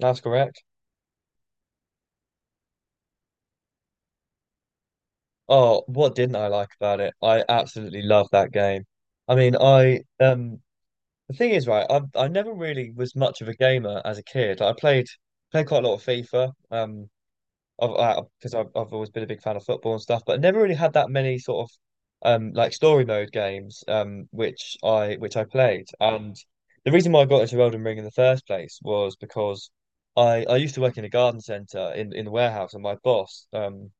That's correct. Oh, what didn't I like about it? I absolutely love that game. I mean, I the thing is, right, I never really was much of a gamer as a kid. I played quite a lot of FIFA, of because I've always been a big fan of football and stuff, but I never really had that many sort of like story mode games which I played. And the reason why I got into Elden Ring in the first place was because I used to work in a garden centre in the warehouse, and my boss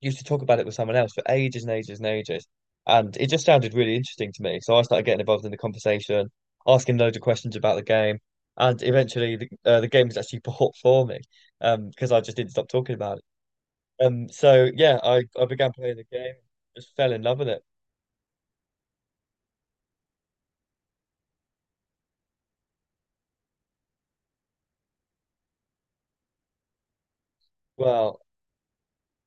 used to talk about it with someone else for ages and ages and ages. And it just sounded really interesting to me. So I started getting involved in the conversation, asking loads of questions about the game. And eventually the game was actually bought for me, because I just didn't stop talking about it. So yeah, I began playing the game, just fell in love with it. Well,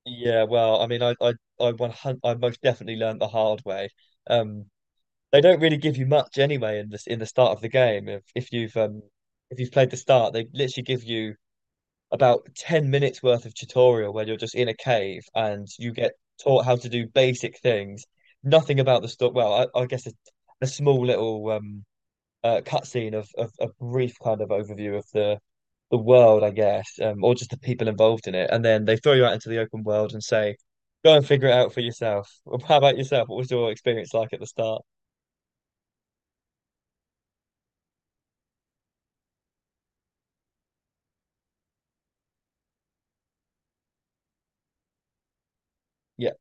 yeah, well, I mean, 100, I most definitely learned the hard way. Um, they don't really give you much anyway in this in the start of the game. If you've played the start, they literally give you about 10 minutes worth of tutorial where you're just in a cave and you get taught how to do basic things. Nothing about the story. Well, I guess a small little cutscene of a brief kind of overview of the world, I guess, or just the people involved in it. And then they throw you out into the open world and say, go and figure it out for yourself. Well, how about yourself? What was your experience like at the start? Yeah,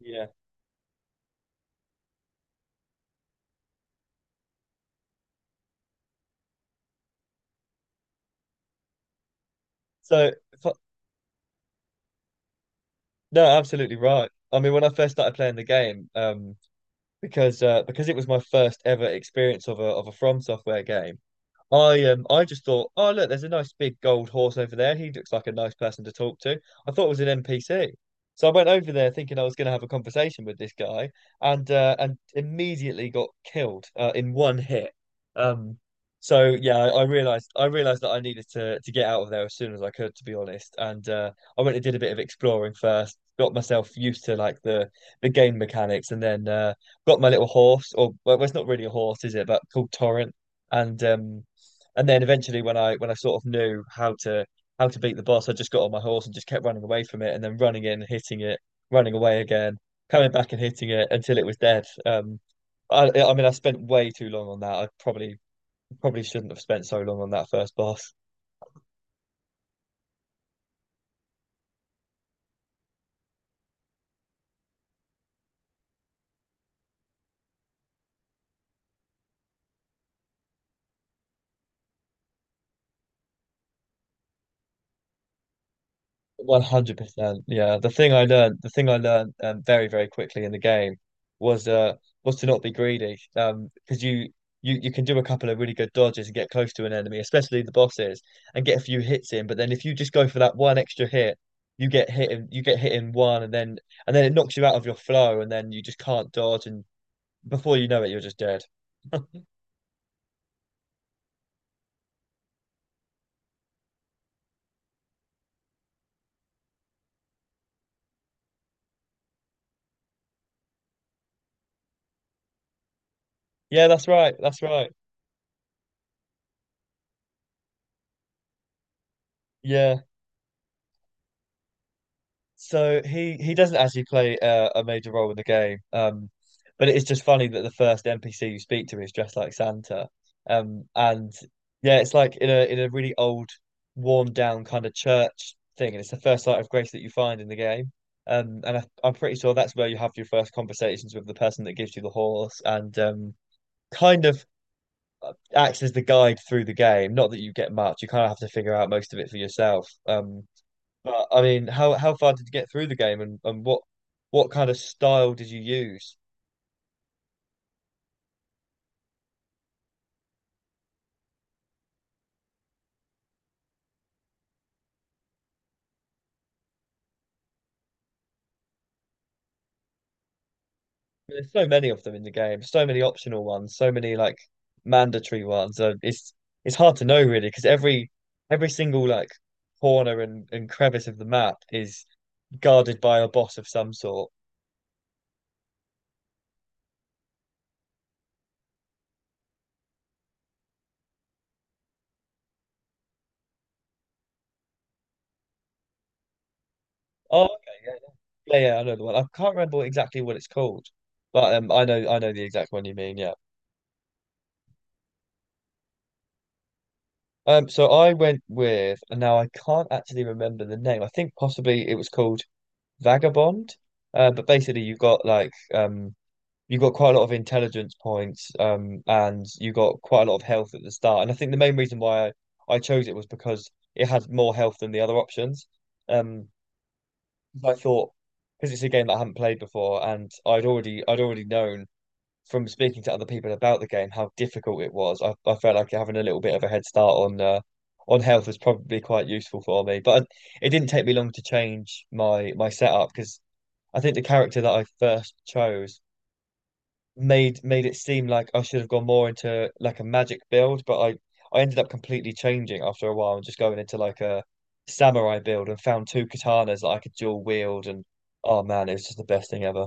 yeah. So, no, absolutely right. I mean, when I first started playing the game, because it was my first ever experience of a From Software game. I just thought, oh look, there's a nice big gold horse over there. He looks like a nice person to talk to. I thought it was an NPC. So I went over there thinking I was going to have a conversation with this guy, and immediately got killed in one hit. Um, so yeah, I realized that I needed to get out of there as soon as I could, to be honest. And I went and did a bit of exploring first, got myself used to like the game mechanics, and then got my little horse, or well, it's not really a horse, is it? But called Torrent, and um, and then eventually, when I sort of knew how to beat the boss, I just got on my horse and just kept running away from it, and then running in, hitting it, running away again, coming back and hitting it until it was dead. I mean, I spent way too long on that. I probably probably shouldn't have spent so long on that first boss. 100%. Yeah. The thing I learned, very, very quickly in the game was uh was to not be greedy. Because you can do a couple of really good dodges and get close to an enemy, especially the bosses, and get a few hits in. But then if you just go for that one extra hit, you get hit in one, and then it knocks you out of your flow, and then you just can't dodge, and before you know it, you're just dead. Yeah, that's right. That's right. Yeah. So he doesn't actually play a major role in the game, but it is just funny that the first NPC you speak to is dressed like Santa, and yeah, it's like in a really old, worn down kind of church thing, and it's the first sight of grace that you find in the game, and I'm pretty sure that's where you have your first conversations with the person that gives you the horse, and kind of acts as the guide through the game. Not that you get much, you kind of have to figure out most of it for yourself, but I mean, how far did you get through the game, and what kind of style did you use? There's so many of them in the game, so many optional ones, so many like mandatory ones. It's hard to know really because every single like corner and crevice of the map is guarded by a boss of some sort. Oh, okay, yeah, yeah, yeah, I know the one. I can't remember exactly what it's called, but I know the exact one you mean. Yeah. So I went with, and now I can't actually remember the name. I think possibly it was called Vagabond. But basically, you got like you got quite a lot of intelligence points, and you got quite a lot of health at the start. And I think the main reason why I chose it was because it had more health than the other options. Um, I thought because it's a game that I have not played before, and I'd already known from speaking to other people about the game how difficult it was. I felt like having a little bit of a head start on health was probably quite useful for me. It didn't take me long to change my setup because I think the character that I first chose made it seem like I should have gone more into like a magic build, but I ended up completely changing after a while and just going into like a samurai build and found two katanas that I could dual wield and oh man, it was just the best thing ever.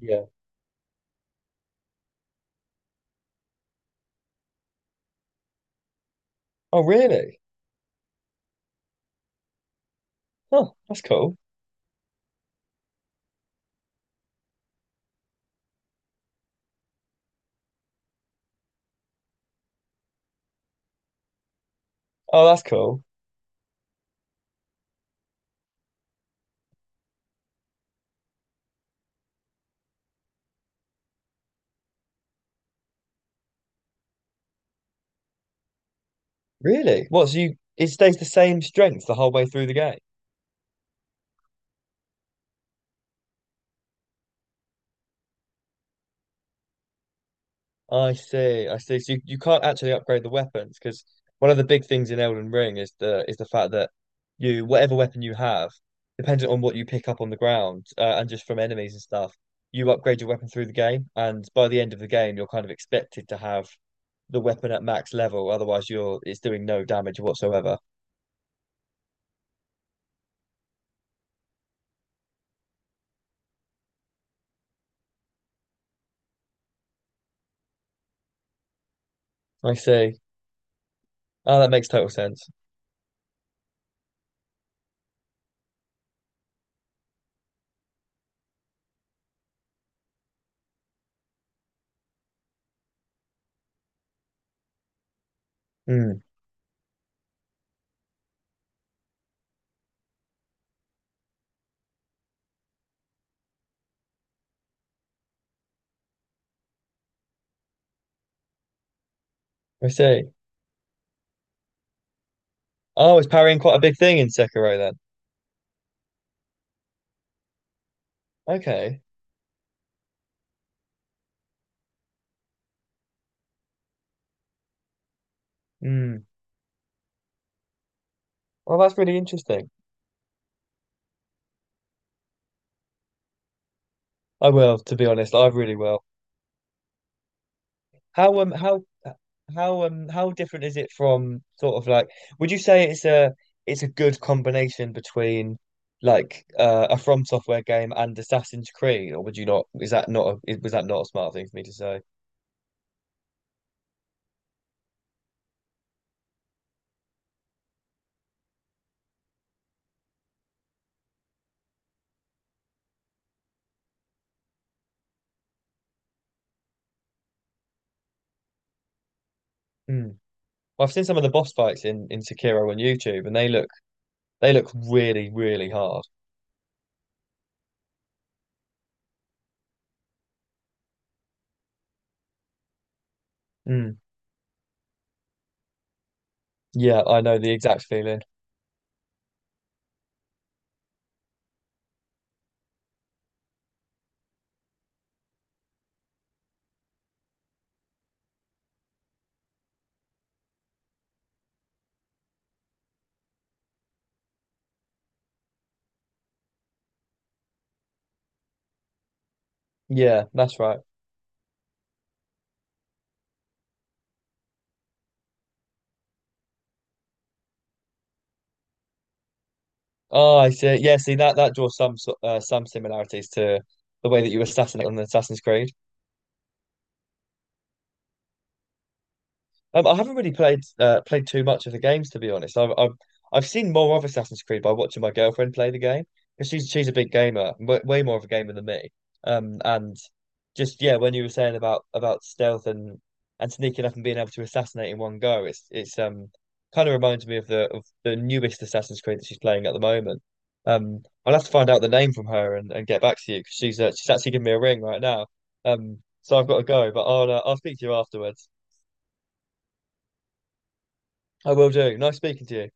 Yeah. Oh really? Oh, that's cool. Oh, that's cool. Really? What, so you it stays the same strength the whole way through the game? I see, I see. So you can't actually upgrade the weapons because one of the big things in Elden Ring is the fact that you whatever weapon you have, depending on what you pick up on the ground and just from enemies and stuff, you upgrade your weapon through the game, and by the end of the game, you're kind of expected to have the weapon at max level. Otherwise, you're it's doing no damage whatsoever. I see. Oh, that makes total sense. Hmm. I see. Oh, is parrying quite a big thing in Sekiro then? Okay. Mm. Well, that's really interesting. I will, to be honest, I really will. How um how how different is it from sort of like would you say it's a good combination between like a From Software game and Assassin's Creed, or would you not? Is that not was that not a smart thing for me to say? Hmm. Well, I've seen some of the boss fights in Sekiro on YouTube, and they look really really hard. Hmm. Yeah, I know the exact feeling. Yeah, that's right. Oh, I see. Yeah, see that that draws some similarities to the way that you assassinate on the Assassin's Creed. I haven't really played played too much of the games to be honest. I've seen more of Assassin's Creed by watching my girlfriend play the game because she's a big gamer, w way more of a gamer than me. And just yeah, when you were saying about stealth and sneaking up and being able to assassinate in one go, it's kind of reminds me of the newest Assassin's Creed that she's playing at the moment. I'll have to find out the name from her, and get back to you because she's actually giving me a ring right now. So I've got to go, but I'll speak to you afterwards. I will do. Nice speaking to you.